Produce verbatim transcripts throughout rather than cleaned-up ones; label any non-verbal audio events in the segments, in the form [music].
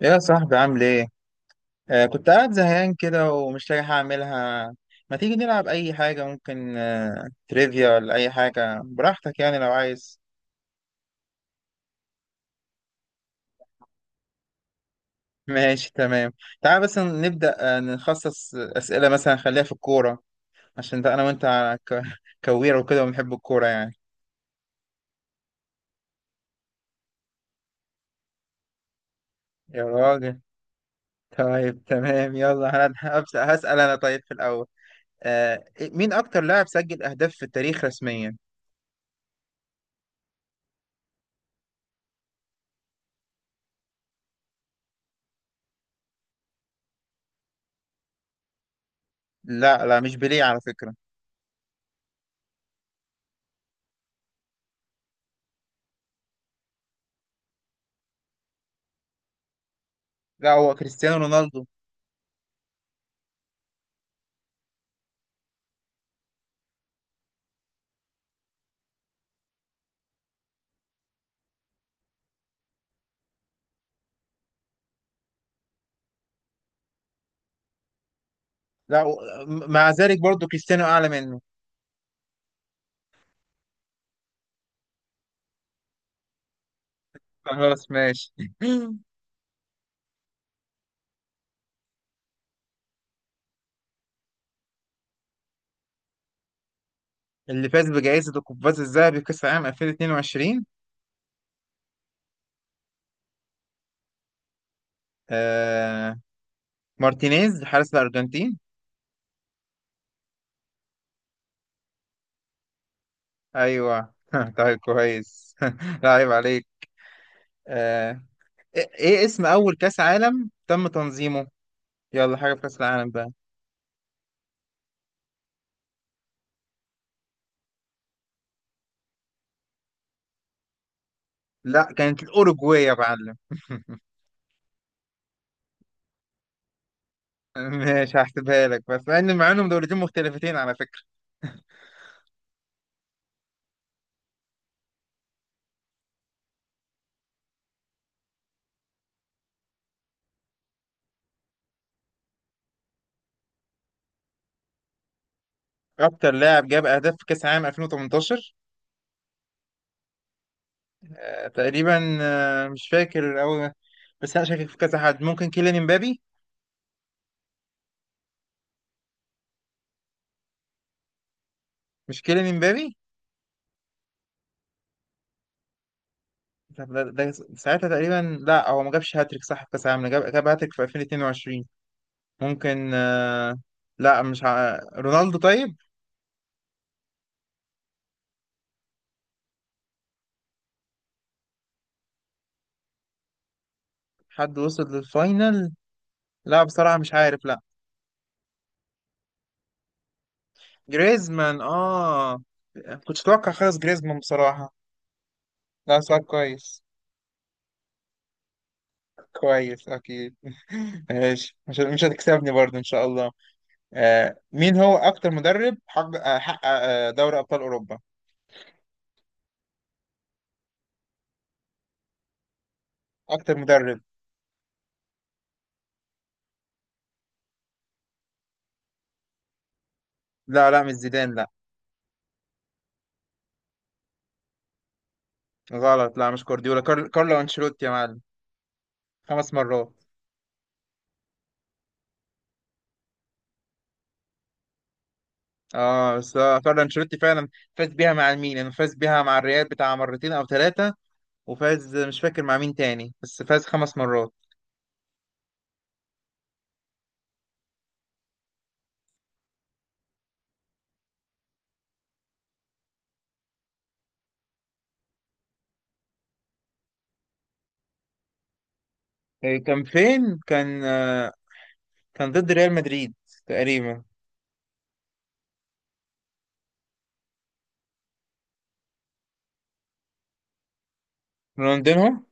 يا صاحبي، عامل ايه؟ آه كنت قاعد زهقان كده، ومش لاقي حاجة أعملها. ما تيجي نلعب أي حاجة؟ ممكن آه تريفيا، ولا أي حاجة براحتك، يعني لو عايز. [laughs] ماشي تمام. تعال بس نبدأ، آه نخصص أسئلة مثلا، خليها في الكورة، عشان ده أنا وأنت ك- [laughs] كويرة وكده، وبنحب الكورة يعني. يا راجل. طيب تمام، يلا أنا هبدأ هسأل أنا، طيب في الأول، آه مين أكتر لاعب سجل أهداف في التاريخ رسميا؟ لا لا، مش بيليه على فكرة. لا، هو كريستيانو رونالدو. لا و- مع ذلك برضو كريستيانو اعلى منه. خلاص ماشي. [clears throat] [laughs] اللي فاز بجائزة القفاز الذهبي كأس العالم ألفين واتنين وعشرين، آه مارتينيز حارس الأرجنتين. أيوه. [laughs] طيب كويس. [laughs] لا عيب عليك. آه إيه إيه اسم أول كأس عالم تم تنظيمه؟ يلا حاجة في كأس العالم بقى. لا كانت الأوروجواي يا معلم. [laughs] ماشي، هحسبها لك، بس مع إن مع إنهم دولتين مختلفتين على فكرة. أكتر لاعب جاب أهداف في كأس العالم ألفين وتمنتاشر، آه، تقريبا، آه، مش فاكر قوي، بس انا شاكك في كذا حد. ممكن كيليان امبابي. مش كيليان امبابي. طب ده, ده ساعتها تقريبا. لا، هو ما جابش هاتريك صح في كاس العالم. جاب جاب هاتريك في ألفين واتنين وعشرين. ممكن. آه، لا مش ع... رونالدو طيب. حد وصل للفاينل. لا بصراحة مش عارف، لا. جريزمان، اه. كنتش اتوقع خالص جريزمان بصراحة. لا، سؤال كويس. كويس اكيد. [laughs] ماشي، مش مش هتكسبني برضه ان شاء الله. آه، مين هو أكتر مدرب حق آه، حقق آه، دوري أبطال أوروبا؟ أكتر مدرب. لا لا مش زيدان، لا. غلط، لا مش جوارديولا. كار... كارلو أنشيلوتي يا معلم. خمس مرات. اه بس آه، كارلو أنشيلوتي فعلا فاز بيها مع الميلان، فاز بيها مع الريال بتاع مرتين أو ثلاثة. وفاز مش فاكر مع مين تاني، بس فاز خمس مرات. آه، كان فين؟ كان آه، كان ضد ريال مدريد تقريبا. رونالدينهو؟ [laughs]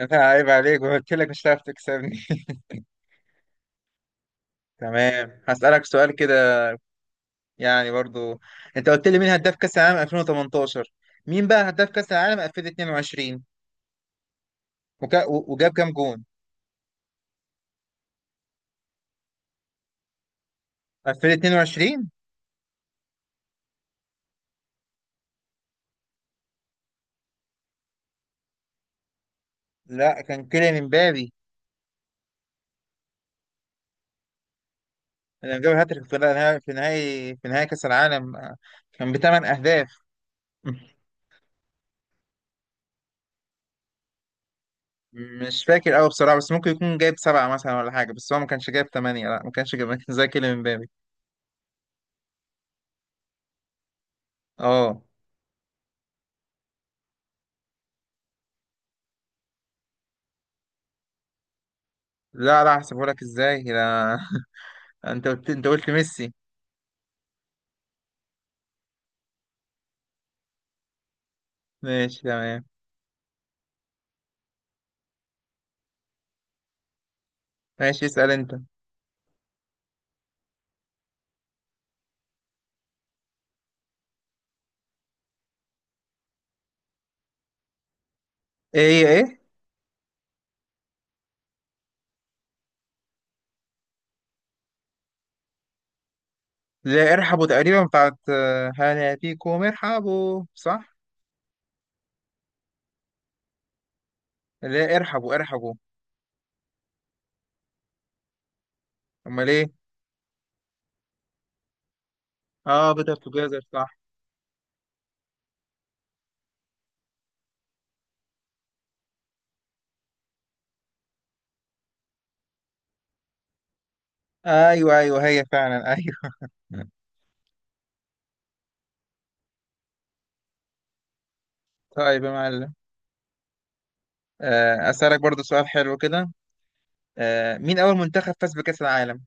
لا عيب عليك، قلت لك مش هتعرف تكسبني. [laughs] تمام، هسألك سؤال كده، يعني برضو. انت قلت لي مين هداف كاس العالم ألفين وتمنتاشر، مين بقى هداف كاس العالم ألفين واتنين وعشرين، وكا... و- وجاب كام جون؟ ألفين واتنين وعشرين. لا كان كيليان امبابي لما جاب هاتريك في نهائي في نهائي في نهائي كاس العالم، آه، كان بثمان اهداف. [laughs] مش فاكر قوي بصراحه، بس ممكن يكون جايب سبعه مثلا ولا حاجه، بس هو ما كانش جايب ثمانيه، لا ما كانش جايب [laughs] زي كيليان امبابي. اه. لا لا، هحسبه لك ازاي؟ لا. [laughs] انت قلت انت قلت ميسي. ماشي تمام. ماشي اسال انت. ايه ايه إيه؟ اللي هي ارحبوا تقريبا، بتاعت آه، هلا فيكم، ارحبوا صح. اللي هي ارحبوا ارحبوا. امال ايه. اه بيتر توجيزر صح. ايوه ايوه، هي فعلا، ايوه. [laughs] طيب يا معلم. آه، اسالك برضو سؤال حلو كده. آه، مين اول منتخب فاز بكاس العالم؟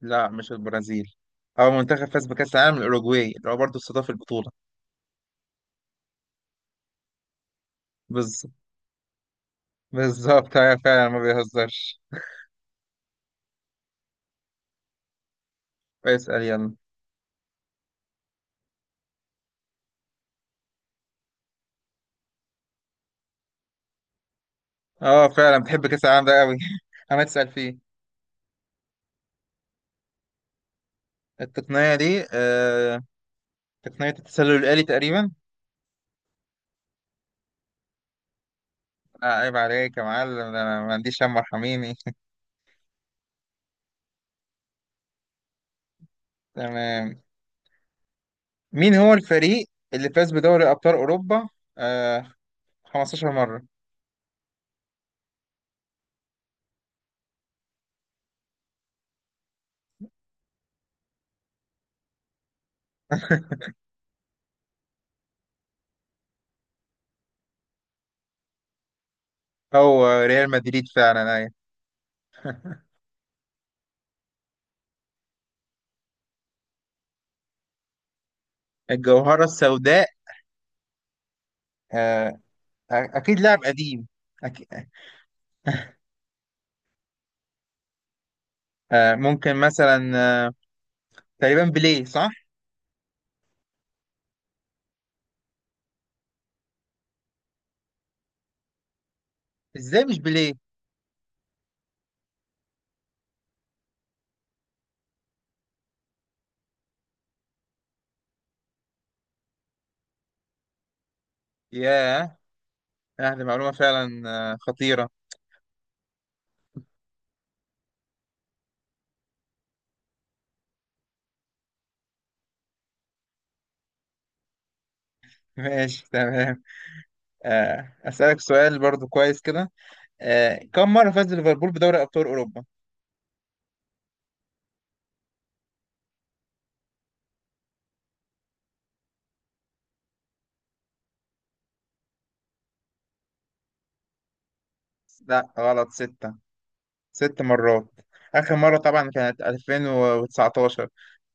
لا مش البرازيل. اول منتخب فاز بكاس العالم الاوروجواي، اللي هو برضو استضاف البطوله. بالظ- بالظبط. [laughs] ايوه فعلا، ما بيهزرش. اسال يلا. اه فعلا، بتحب كاس العالم ده قوي. [laughs] انا تسال فيه. التقنيه دي، آه، تقنية التسلل الآلي تقريبا. لا عيب عليك يا معلم، ده أنا ما عنديش هم، ارحميني. [laughs] تمام. مين هو الفريق اللي فاز بدوري أبطال أوروبا آه 15 مرة؟ [laughs] هو ريال مدريد فعلا، أيوة. الجوهرة السوداء، آه أ- أكيد لاعب قديم. أكيد. آه ممكن مثلا، آه تقريبا بيليه صح؟ إزاي مش بيليه؟ ياه. آه دي معلومة فعلا آه خطيرة. ماشي تمام. آه أسألك سؤال برضو كويس كده. آه، كم مرة فاز ليفربول بدوري أبطال أوروبا؟ لا غلط، ستة، ست مرات. آخر مرة طبعا كانت ألفين وتسعتاشر،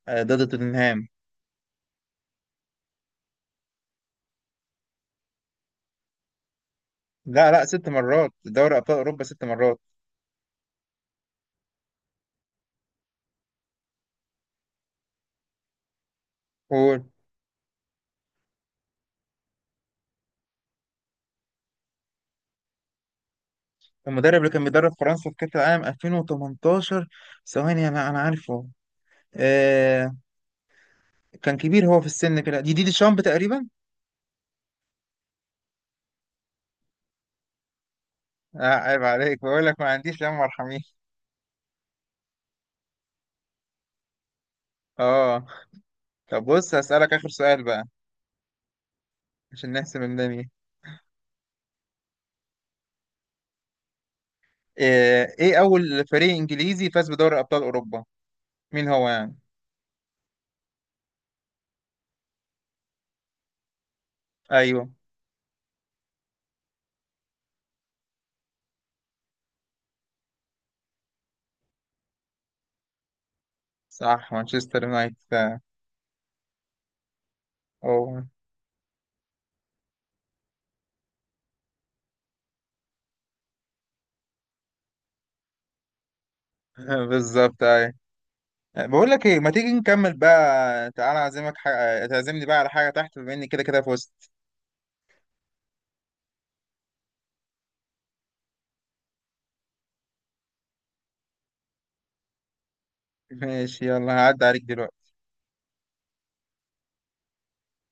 آه، ضد توتنهام. لا لا، ست مرات دوري أبطال أوروبا، ست مرات. قول. المدرب اللي كان بيدرب فرنسا في كأس العالم ألفين وتمنتاشر، ثواني، أنا أنا عارفه. آه كان كبير هو في السن كده، دي دي دي شامب تقريبا. آه عيب عليك، بقول لك ما عنديش يا عم، ارحميني. اه. طب بص، هسألك آخر سؤال بقى، عشان نحسم الدنيا. آه، ايه اول فريق انجليزي فاز بدوري ابطال اوروبا؟ مين هو يعني؟ ايوه. صح مانشستر يونايتد، آه، أوه. [laughs] بالظبط ايوه. بقول لك ايه، ما تيجي نكمل بقى؟ تعالى اعزمك حاجة، تعزمني بقى على حاجه تحت، بما اني كده كده فزت. [laughs] ماشي يلا، هعدي عليك دلوقتي.